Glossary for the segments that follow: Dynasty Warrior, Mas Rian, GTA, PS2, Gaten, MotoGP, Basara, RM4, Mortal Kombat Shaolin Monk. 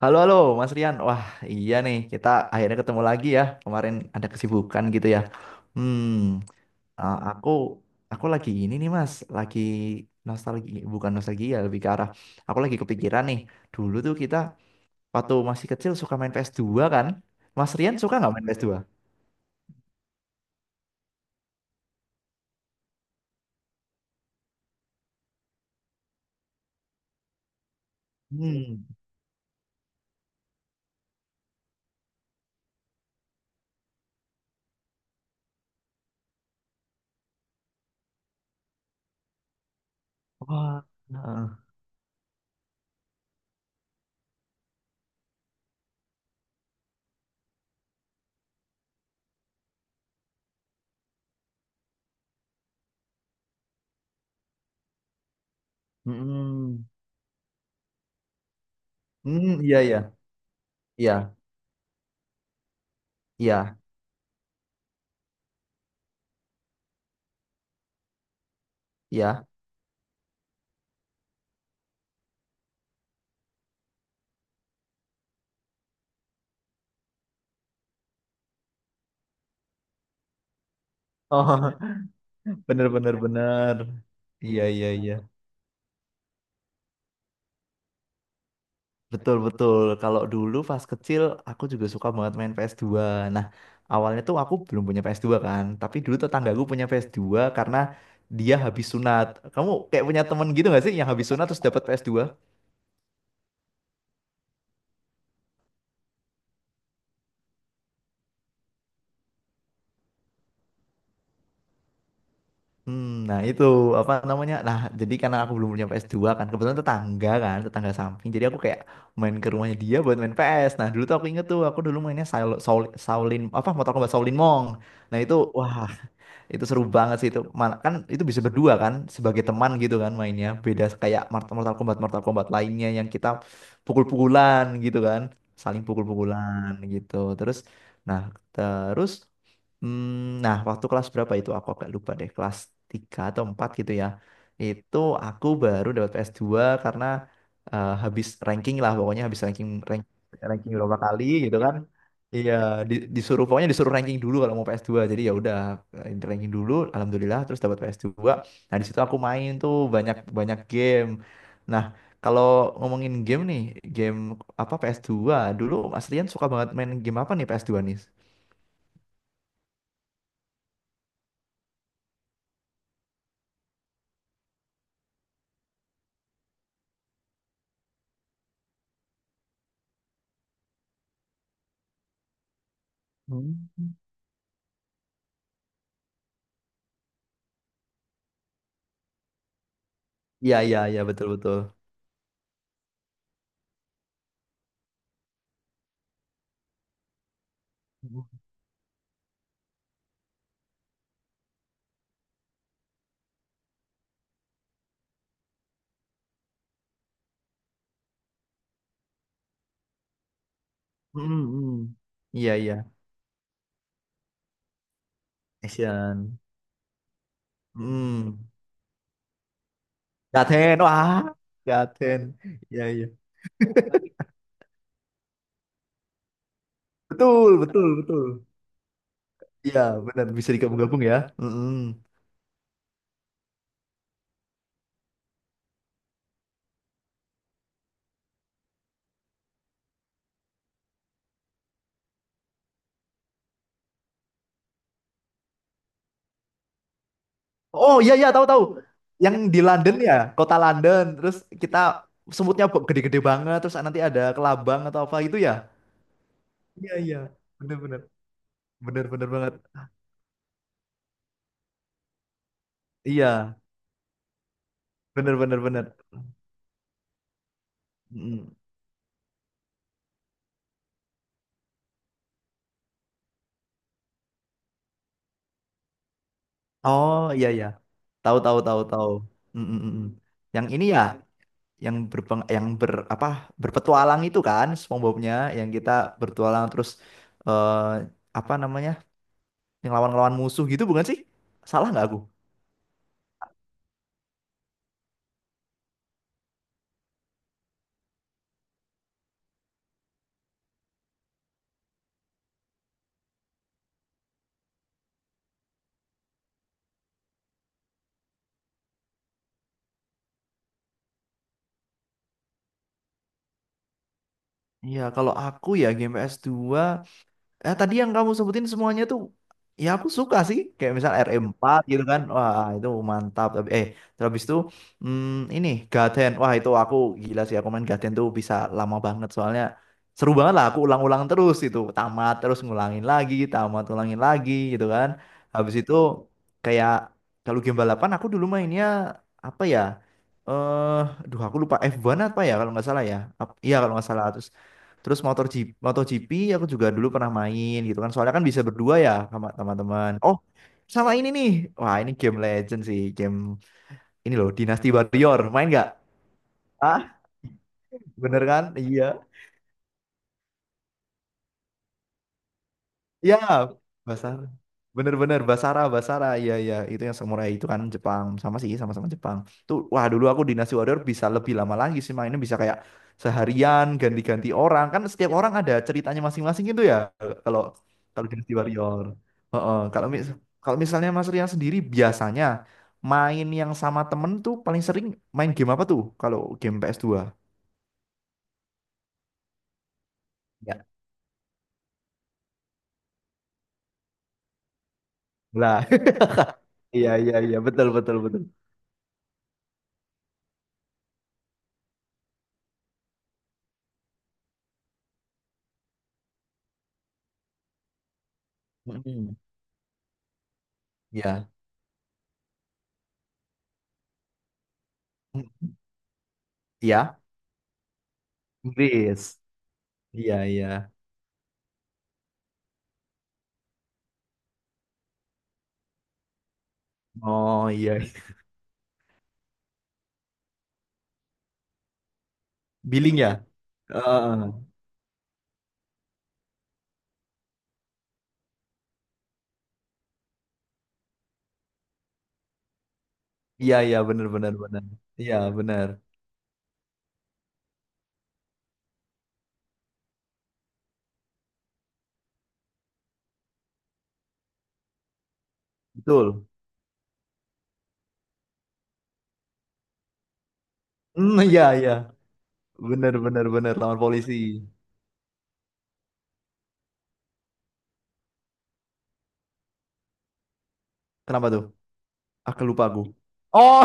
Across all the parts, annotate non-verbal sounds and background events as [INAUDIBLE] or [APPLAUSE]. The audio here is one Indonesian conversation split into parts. Halo, halo, Mas Rian. Wah, iya nih, kita akhirnya ketemu lagi ya. Kemarin ada kesibukan gitu ya. Hmm, uh, aku aku lagi ini nih, Mas. Lagi nostalgia, bukan nostalgia, lebih ke arah. Aku lagi kepikiran nih. Dulu tuh kita waktu masih kecil suka main ps dua kan? Mas Rian suka nggak main ps dua? Hmm, wah, heeh. Hmm, hmm, iya, iya, iya, iya, iya. Oh, [LAUGHS] bener, bener, bener. Iya, iya, iya. Betul, betul. Kalau dulu pas kecil aku juga suka banget main PS2. Nah, awalnya tuh aku belum punya PS2 kan, tapi dulu tetanggaku punya PS2 karena dia habis sunat. Kamu kayak punya temen gitu gak sih yang habis sunat terus dapat PS2? Nah, itu apa namanya? Nah, jadi karena aku belum punya PS2 kan, kebetulan tetangga kan, tetangga samping. Jadi aku kayak main ke rumahnya dia buat main PS. Nah, dulu tuh aku inget tuh aku dulu mainnya Saul, Saul, Shaolin- apa, Mortal Kombat Shaolin Monk. Nah, itu wah, itu seru banget sih itu. Mana kan itu bisa berdua kan sebagai teman gitu kan mainnya. Beda kayak Mortal Kombat lainnya yang kita pukul-pukulan gitu kan. Saling pukul-pukulan gitu. Terus nah terus hmm, nah, waktu kelas berapa itu aku agak lupa deh. Kelas 3 atau 4 gitu ya. Itu aku baru dapat ps dua karena habis ranking lah, pokoknya habis ranking beberapa kali gitu kan. Iya, disuruh, pokoknya disuruh ranking dulu kalau mau ps dua. Jadi ya udah, ranking dulu, alhamdulillah terus dapat ps dua. Nah, di situ aku main tuh banyak banyak game. Nah, kalau ngomongin game nih, game apa ps dua dulu Mas Rian suka banget main game apa nih ps dua nih? Hmm. Iya, iya, iya, betul, betul. Hmm, hmm. Iya, iya. Asian. Hmm. Gaten, wah. Gaten. Iya, iya. Betul, betul, betul. Iya, benar, bisa digabung-gabung ya. Mm-mm. Oh, iya, iya, tahu, tahu. Yang di London ya, kota London. Terus kita semutnya gede-gede banget. Terus nanti ada kelabang atau apa gitu ya? Iya, iya. Bener, bener, bener, bener banget. Iya, bener, bener, bener. Mm. Oh, iya, iya. Tahu, tahu, tahu, tahu. Mm, mm, mm, mm. Yang ini ya, yang berpetualang itu kan SpongeBob-nya, yang kita bertualang terus, eh apa namanya? Yang lawan-lawan musuh gitu bukan sih? Salah nggak aku? Iya, kalau aku ya, Game PS2, ya tadi yang kamu sebutin semuanya tuh, ya aku suka sih kayak misal RM4 gitu kan, wah itu mantap. Tapi terus habis itu, hmm, ini Gaten, wah itu aku gila sih, aku main Gaten tuh bisa lama banget soalnya seru banget lah, aku ulang-ulang terus itu, tamat, terus ngulangin lagi, tamat, ulangin lagi gitu kan. Habis itu, kayak, kalau game balapan aku dulu mainnya apa ya, eh duh, aku lupa. F1 apa ya kalau nggak salah ya, iya kalau nggak salah terus. Terus MotoGP aku juga dulu pernah main gitu kan. Soalnya kan bisa berdua ya sama teman-teman. Oh, sama ini nih. Wah, ini game legend sih. Game ini loh, Dynasty Warrior. Main nggak? Ah, bener kan? Iya. Ya, Basara. Bener-bener Basara, Basara. Iya, iya, itu yang samurai itu kan Jepang. Sama sih, sama-sama Jepang. Tuh, wah dulu aku Dynasty Warrior bisa lebih lama lagi sih mainnya, bisa kayak seharian ganti-ganti orang. Kan setiap orang ada ceritanya masing-masing gitu ya. Kalau kalau Dynasty Warrior. Heeh, kalau misalnya Mas Rian sendiri biasanya main yang sama temen tuh paling sering main game apa tuh? Kalau game ps dua, ya. Lah, [LAUGHS] iya, iya, iya, betul, betul, betul. Mm-mm. Iya. Mm, iya. Inggris. Iya, iya. Oh, iya. [LAUGHS] Billing ya? Heeh. Iya, iya, benar, benar, benar. Iya, benar. Betul. Hmm, iya, iya. Benar, benar, benar, lawan polisi. Kenapa tuh? Ah, lupa aku. Oh,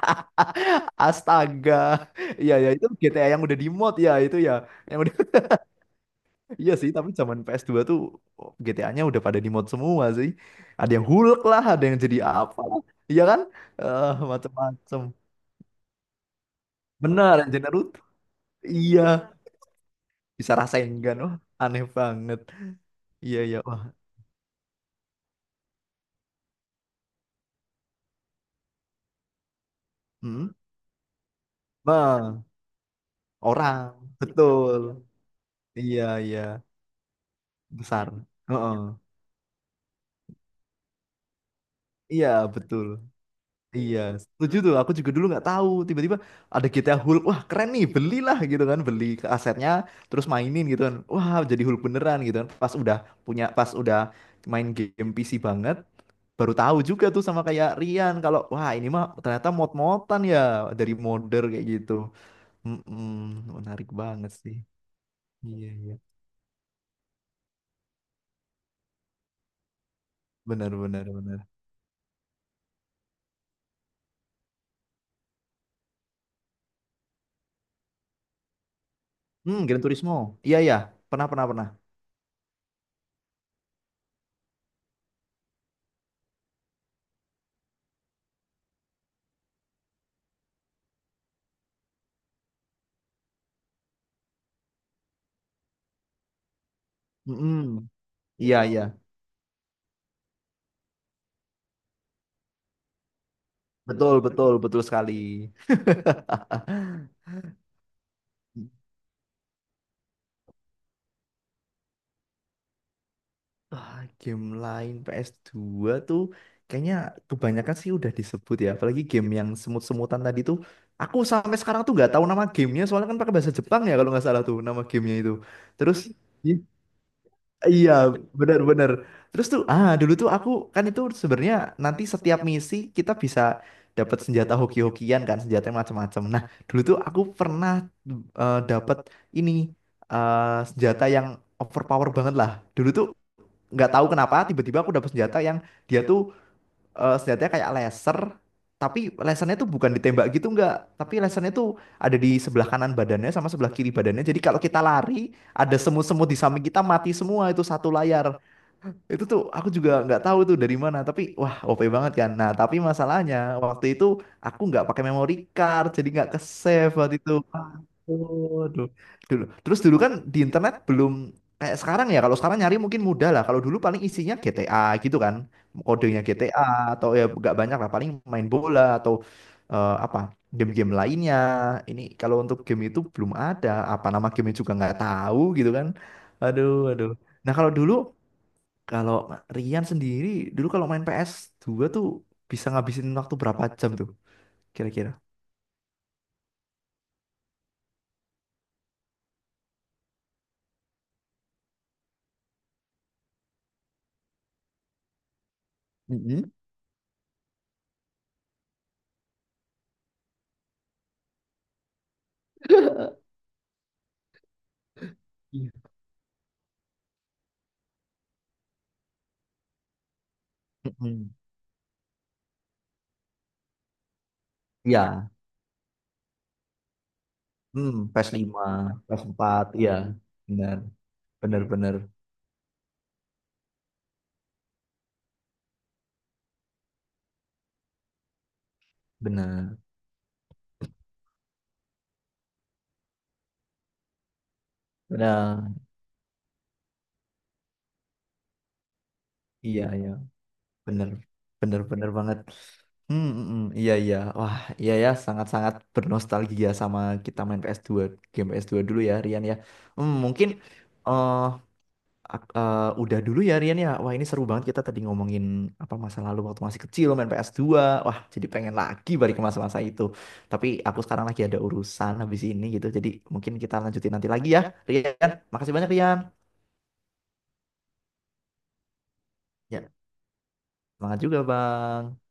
[LAUGHS] astaga. Iya, iya, itu GTA yang udah di mod ya, itu ya. Yang udah [LAUGHS] iya sih, tapi zaman ps dua tuh GTA-nya udah pada di mod semua sih. Ada yang Hulk lah, ada yang jadi apa lah. Iya kan? Eh, macam-macam. Benar, yang Naruto, iya, bisa rasain kan? Wah, aneh banget. Iya, iya. Wah, hmm? Bah, orang. Betul. Iya, iya. Besar. Heeh. Iya, betul. Iya, setuju tuh. Aku juga dulu nggak tahu. Tiba-tiba ada GTA Hulk. Wah, keren nih. Belilah gitu kan. Beli ke asetnya, terus mainin gitu kan. Wah, jadi Hulk beneran gitu kan. Pas udah punya, pas udah main game PC banget, baru tahu juga tuh sama kayak Rian kalau wah, ini mah ternyata mod-modan ya, dari modder kayak gitu. Mm-mm, menarik banget sih. Iya, iya. Benar, benar, benar. Hmm, Gran Turismo. Iya, iya. Pernah, pernah, pernah. Mm-mm. Iya, iya. Betul, betul, betul sekali. [LAUGHS] Ah, game lain PS2 tuh kayaknya kebanyakan sih udah disebut ya. Apalagi game yang semut-semutan tadi tuh. Aku sampai sekarang tuh nggak tahu nama gamenya soalnya kan pakai bahasa Jepang ya kalau nggak salah tuh nama gamenya itu. Terus, iya, benar-benar. Terus tuh, ah, dulu tuh aku kan itu sebenarnya nanti setiap misi kita bisa dapat senjata hoki-hokian kan, senjata macam-macam. Nah, dulu tuh aku pernah, dapat ini, eh, senjata yang overpower banget lah. Dulu tuh nggak tahu kenapa tiba-tiba aku dapat senjata yang dia tuh, senjatanya kayak laser, tapi lasernya tuh bukan ditembak gitu, enggak, tapi lasernya tuh ada di sebelah kanan badannya sama sebelah kiri badannya. Jadi kalau kita lari, ada semut-semut di samping kita mati semua itu satu layar. Itu tuh aku juga nggak tahu tuh dari mana, tapi wah, OP banget kan. Nah, tapi masalahnya waktu itu aku nggak pakai memory card, jadi nggak ke save waktu itu. Aduh, dulu. Terus dulu kan di internet belum kayak sekarang ya. Kalau sekarang nyari mungkin mudah lah. Kalau dulu paling isinya GTA gitu kan, kodenya GTA atau ya nggak banyak lah. Paling main bola atau, apa, game-game lainnya. Ini kalau untuk game itu belum ada. Apa nama gamenya juga nggak tahu gitu kan. Aduh, aduh. Nah, kalau dulu, kalau Rian sendiri dulu kalau main ps dua tuh bisa ngabisin waktu berapa jam tuh kira-kira? Mhm. Iya. Mm-mm. Iya, hmm, PS5, ps empat, iya, benar, benar, benar, benar, benar, iya, iya, benar, benar, benar banget. Hmm, mm, mm, iya, iya, wah, iya ya, sangat-sangat bernostalgia sama kita main ps dua, game ps dua dulu ya, Rian ya. Mungkin, eh, udah dulu ya Rian ya. Wah, ini seru banget kita tadi ngomongin apa masa lalu waktu masih kecil main ps dua. Wah, jadi pengen lagi balik ke masa-masa itu. Tapi aku sekarang lagi ada urusan habis ini gitu. Jadi mungkin kita lanjutin nanti lagi ya Rian. Makasih banyak Rian. Ya, semangat juga Bang.